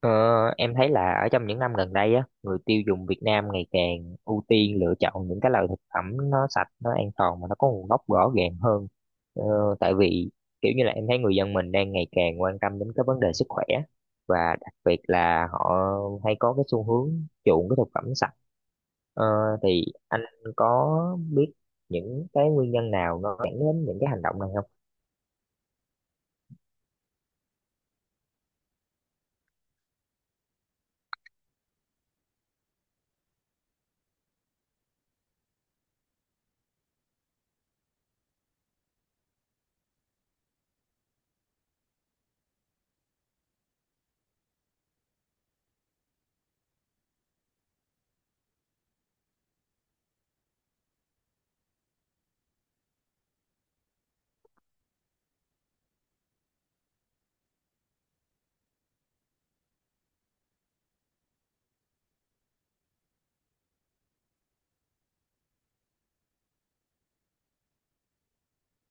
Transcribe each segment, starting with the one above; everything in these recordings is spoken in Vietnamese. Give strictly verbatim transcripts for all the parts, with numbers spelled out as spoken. Ờ, em thấy là ở trong những năm gần đây á, người tiêu dùng Việt Nam ngày càng ưu tiên lựa chọn những cái loại thực phẩm nó sạch, nó an toàn mà nó có nguồn gốc rõ ràng hơn. Ờ, Tại vì kiểu như là em thấy người dân mình đang ngày càng quan tâm đến cái vấn đề sức khỏe và đặc biệt là họ hay có cái xu hướng chuộng cái thực phẩm sạch. Ờ, thì anh có biết những cái nguyên nhân nào nó dẫn đến những cái hành động này không?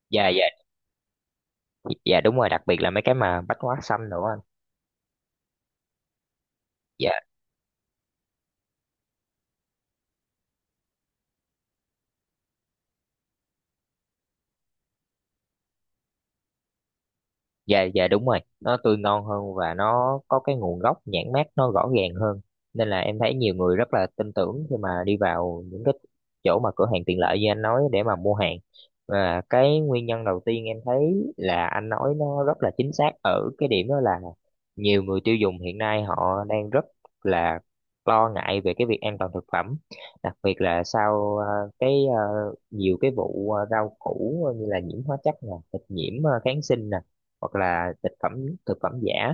Dạ dạ dạ đúng rồi, đặc biệt là mấy cái mà bách hóa xanh nữa anh. Dạ. Dạ dạ đúng rồi, nó tươi ngon hơn và nó có cái nguồn gốc nhãn mác nó rõ ràng hơn, nên là em thấy nhiều người rất là tin tưởng khi mà đi vào những cái chỗ mà cửa hàng tiện lợi như anh nói để mà mua hàng. Và cái nguyên nhân đầu tiên em thấy là anh nói nó rất là chính xác ở cái điểm đó là nhiều người tiêu dùng hiện nay họ đang rất là lo ngại về cái việc an toàn thực phẩm, đặc biệt là sau ờ, cái ờ, nhiều cái vụ ờ, rau củ như là nhiễm hóa chất nè, thịt nhiễm ờ, kháng sinh nè, hoặc là thực phẩm thực phẩm giả,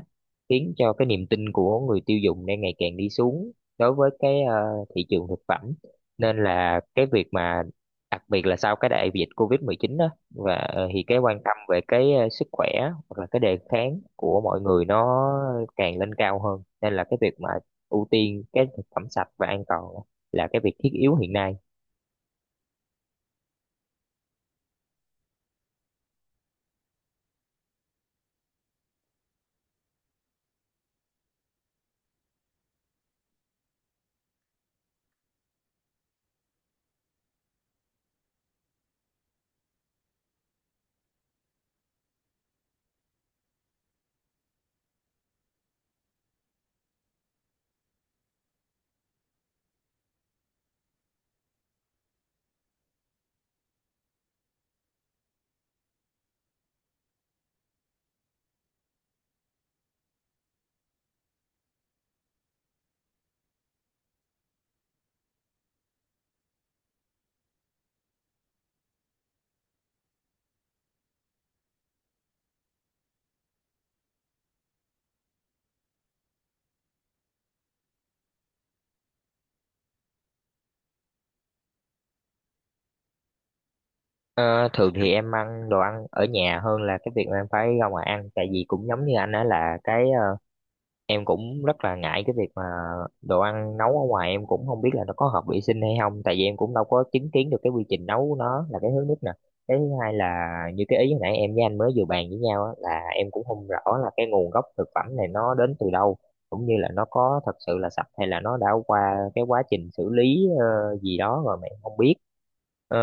khiến cho cái niềm tin của người tiêu dùng đang ngày càng đi xuống đối với cái ờ, thị trường thực phẩm. Nên là cái việc mà đặc biệt là sau cái đại dịch covid mười chín đó, và ờ, thì cái quan tâm về cái ờ, sức khỏe hoặc là cái đề kháng của mọi người nó càng lên cao hơn, nên là cái việc mà ưu tiên cái thực phẩm sạch và an toàn là cái việc thiết yếu hiện nay. Ờ, Thường thì em ăn đồ ăn ở nhà hơn là cái việc mà em phải ra ngoài ăn, tại vì cũng giống như anh đó là cái ờ, em cũng rất là ngại cái việc mà đồ ăn nấu ở ngoài em cũng không biết là nó có hợp vệ sinh hay không, tại vì em cũng đâu có chứng kiến được cái quy trình nấu của nó, là cái thứ nhất nè. Cái thứ hai là như cái ý hồi nãy em với anh mới vừa bàn với nhau á, là em cũng không rõ là cái nguồn gốc thực phẩm này nó đến từ đâu, cũng như là nó có thật sự là sạch hay là nó đã qua cái quá trình xử lý ờ, gì đó rồi mà em không biết. Ờ,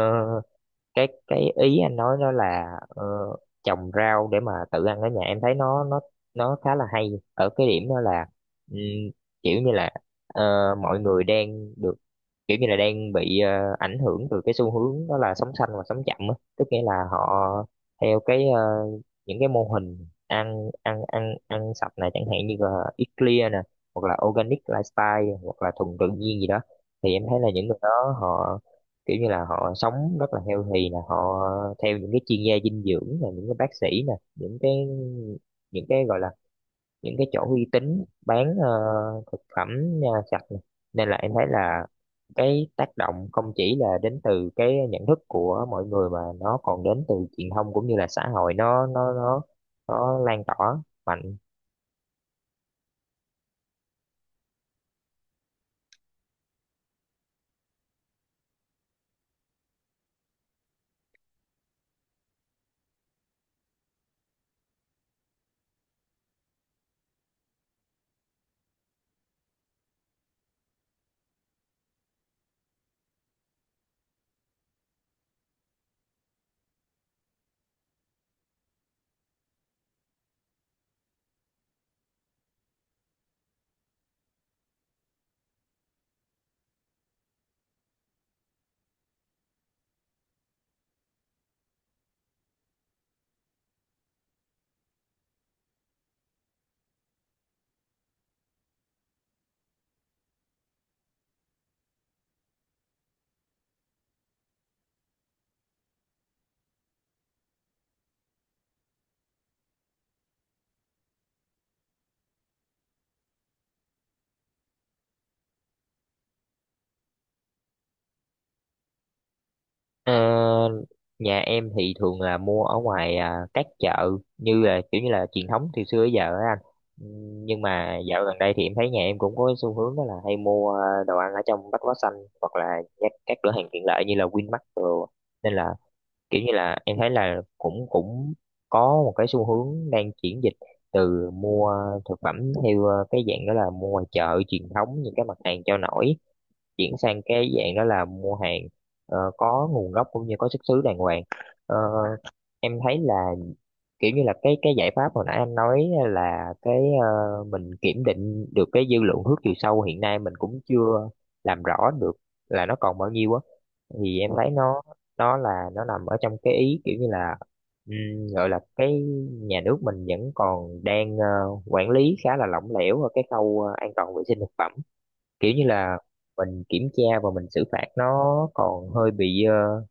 cái cái ý anh nói đó là ờ, trồng rau để mà tự ăn ở nhà em thấy nó nó nó khá là hay ở cái điểm đó là ừm, kiểu như là ờ, mọi người đang được kiểu như là đang bị ờ, ảnh hưởng từ cái xu hướng đó là sống xanh và sống chậm á, tức nghĩa là họ theo cái ờ, những cái mô hình ăn ăn ăn ăn sạch này, chẳng hạn như là Eat Clear nè, hoặc là organic lifestyle, hoặc là thuần tự nhiên gì đó, thì em thấy là những người đó họ kiểu như là họ sống rất là healthy, là họ theo những cái chuyên gia dinh dưỡng, là những cái bác sĩ nè, những cái, những cái gọi là những cái chỗ uy tín bán ờ, thực phẩm ờ, sạch nè. Nên là em thấy là cái tác động không chỉ là đến từ cái nhận thức của mọi người mà nó còn đến từ truyền thông cũng như là xã hội, nó nó nó nó lan tỏa mạnh. Ờ, Nhà em thì thường là mua ở ngoài à, các chợ như là kiểu như là truyền thống từ xưa tới giờ á anh. Ừm, Nhưng mà dạo gần đây thì em thấy nhà em cũng có cái xu hướng đó là hay mua à, đồ ăn ở trong Bách Hóa Xanh hoặc là các, các cửa hàng tiện lợi như là Winmart rồi. Nên là kiểu như là em thấy là cũng cũng có một cái xu hướng đang chuyển dịch từ mua thực phẩm theo à, cái dạng đó là mua ngoài chợ truyền thống những cái mặt hàng cho nổi, chuyển sang cái dạng đó là mua hàng ờ, có nguồn gốc cũng như có xuất xứ đàng hoàng. Ờ, em thấy là kiểu như là cái cái giải pháp hồi nãy anh nói là cái ờ, mình kiểm định được cái dư lượng hước chiều sâu hiện nay mình cũng chưa làm rõ được là nó còn bao nhiêu á, thì em thấy nó nó là nó nằm ở trong cái ý kiểu như là ừm, gọi là cái nhà nước mình vẫn còn đang ờ, quản lý khá là lỏng lẻo ở cái khâu ờ, an toàn vệ sinh thực phẩm, kiểu như là mình kiểm tra và mình xử phạt nó còn hơi bị ờ,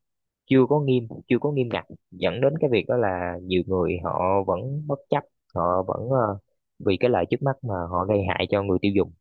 chưa có nghiêm chưa có nghiêm ngặt, dẫn đến cái việc đó là nhiều người họ vẫn bất chấp, họ vẫn ờ, vì cái lợi trước mắt mà họ gây hại cho người tiêu dùng.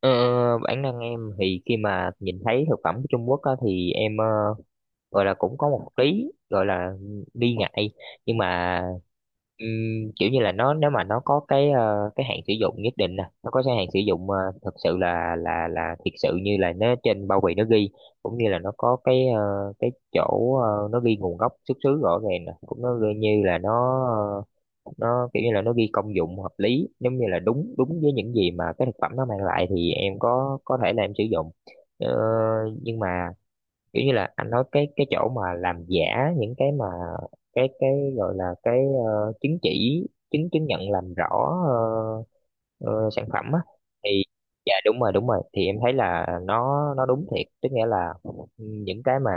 ờ, Bản năng em thì khi mà nhìn thấy thực phẩm của Trung Quốc á, thì em ờ, gọi là cũng có một lý gọi là nghi ngại, nhưng mà ừm, kiểu như là nó, nếu mà nó có cái ờ, cái hạn sử dụng nhất định nè, nó có cái hạn sử dụng uh, thật sự là là là thiệt sự như là nó trên bao bì nó ghi, cũng như là nó có cái ờ, cái chỗ ờ, nó ghi nguồn gốc xuất xứ rõ ràng nè, cũng nó ghi như là nó ờ, nó kiểu như là nó ghi công dụng hợp lý, giống như là đúng đúng với những gì mà cái thực phẩm nó mang lại, thì em có có thể là em sử dụng. Ờ, nhưng mà kiểu như là anh nói cái cái chỗ mà làm giả những cái mà cái cái gọi là cái ờ, chứng chỉ, chứng chứng nhận làm rõ ờ, ờ, sản phẩm á thì dạ đúng rồi đúng rồi, thì em thấy là nó nó đúng thiệt, tức nghĩa là những cái mà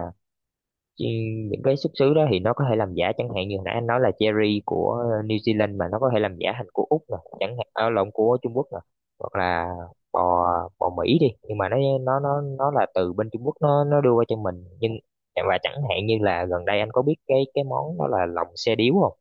Chứ những cái xuất xứ đó thì nó có thể làm giả, chẳng hạn như hồi nãy anh nói là cherry của New Zealand mà nó có thể làm giả thành của Úc nè chẳng hạn, à, lộn, của Trung Quốc nè, hoặc là bò bò Mỹ đi, nhưng mà nó nó nó nó là từ bên Trung Quốc nó nó đưa qua cho mình nhưng. Và chẳng hạn như là gần đây anh có biết cái cái món đó là lòng xe điếu không?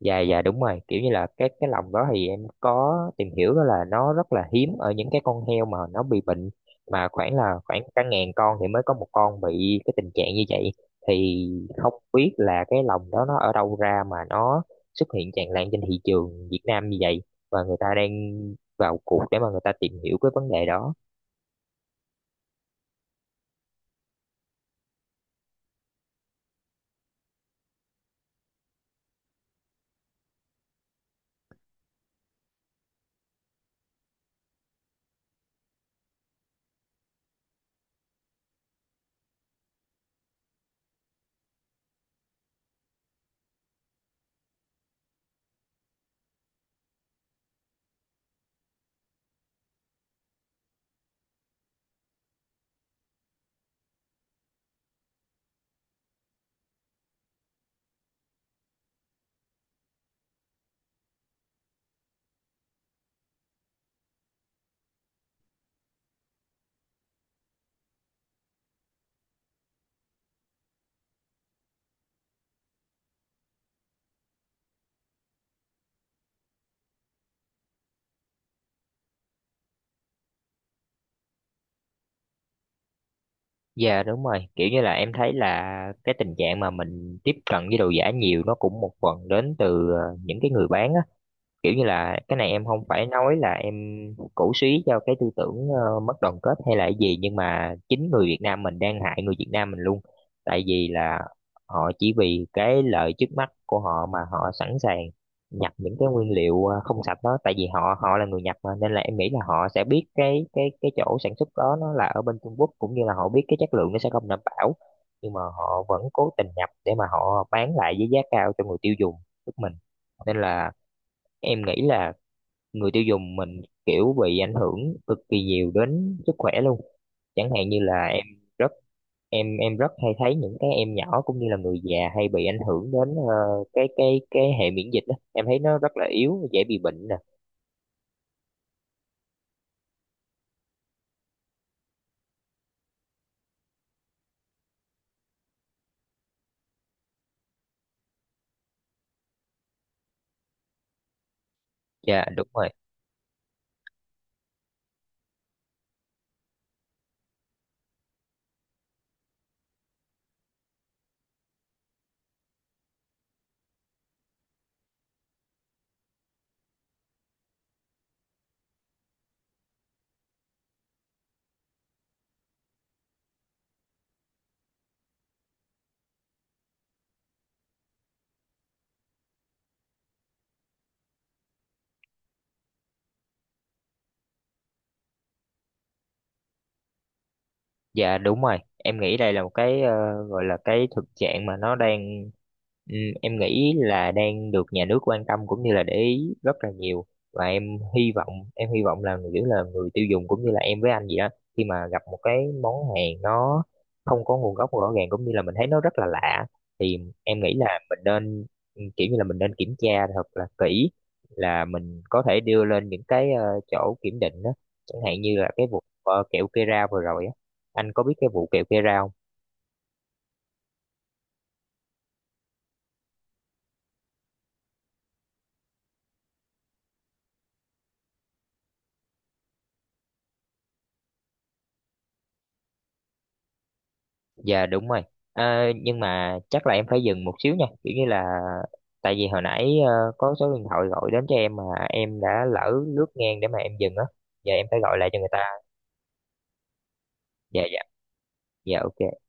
Dạ dạ đúng rồi, kiểu như là cái cái lòng đó thì em có tìm hiểu đó là nó rất là hiếm ở những cái con heo mà nó bị bệnh, mà khoảng là khoảng cả ngàn con thì mới có một con bị cái tình trạng như vậy, thì không biết là cái lòng đó nó ở đâu ra mà nó xuất hiện tràn lan trên thị trường Việt Nam như vậy, và người ta đang vào cuộc để mà người ta tìm hiểu cái vấn đề đó. Dạ đúng rồi, kiểu như là em thấy là cái tình trạng mà mình tiếp cận với đồ giả nhiều nó cũng một phần đến từ ờ, những cái người bán á. Kiểu như là cái này em không phải nói là em cổ suý cho cái tư tưởng ờ, mất đoàn kết hay là cái gì, nhưng mà chính người Việt Nam mình đang hại người Việt Nam mình luôn. Tại vì là họ chỉ vì cái lợi trước mắt của họ mà họ sẵn sàng nhập những cái nguyên liệu ờ, không sạch đó, tại vì họ họ là người Nhật mà, nên là em nghĩ là họ sẽ biết cái cái cái chỗ sản xuất đó nó là ở bên Trung Quốc, cũng như là họ biết cái chất lượng nó sẽ không đảm bảo, nhưng mà họ vẫn cố tình nhập để mà họ bán lại với giá cao cho người tiêu dùng tức mình. Nên là em nghĩ là người tiêu dùng mình kiểu bị ảnh hưởng cực kỳ nhiều đến sức khỏe luôn, chẳng hạn như là em rất em em rất hay thấy những cái em nhỏ cũng như là người già hay bị ảnh hưởng đến ờ, cái cái cái hệ miễn dịch đó. Em thấy nó rất là yếu, dễ bị bệnh nè. Dạ đúng rồi. Dạ đúng rồi, em nghĩ đây là một cái ờ, gọi là cái thực trạng mà nó đang ừm, em nghĩ là đang được nhà nước quan tâm cũng như là để ý rất là nhiều. Và em hy vọng em hy vọng là kiểu là người tiêu dùng cũng như là em với anh vậy đó, khi mà gặp một cái món hàng nó không có nguồn gốc rõ ràng cũng như là mình thấy nó rất là lạ, thì em nghĩ là mình nên ừm, kiểu như là mình nên kiểm tra thật là kỹ, là mình có thể đưa lên những cái ờ, chỗ kiểm định đó, chẳng hạn như là cái vụ ờ, kẹo Kera vừa rồi á, anh có biết cái vụ kẹo que rau? Dạ đúng rồi. À, nhưng mà chắc là em phải dừng một xíu nha, kiểu như là tại vì hồi nãy ờ, có số điện thoại gọi đến cho em mà em đã lỡ lướt ngang để mà em dừng á, giờ em phải gọi lại cho người ta. Dạ dạ dạ ok.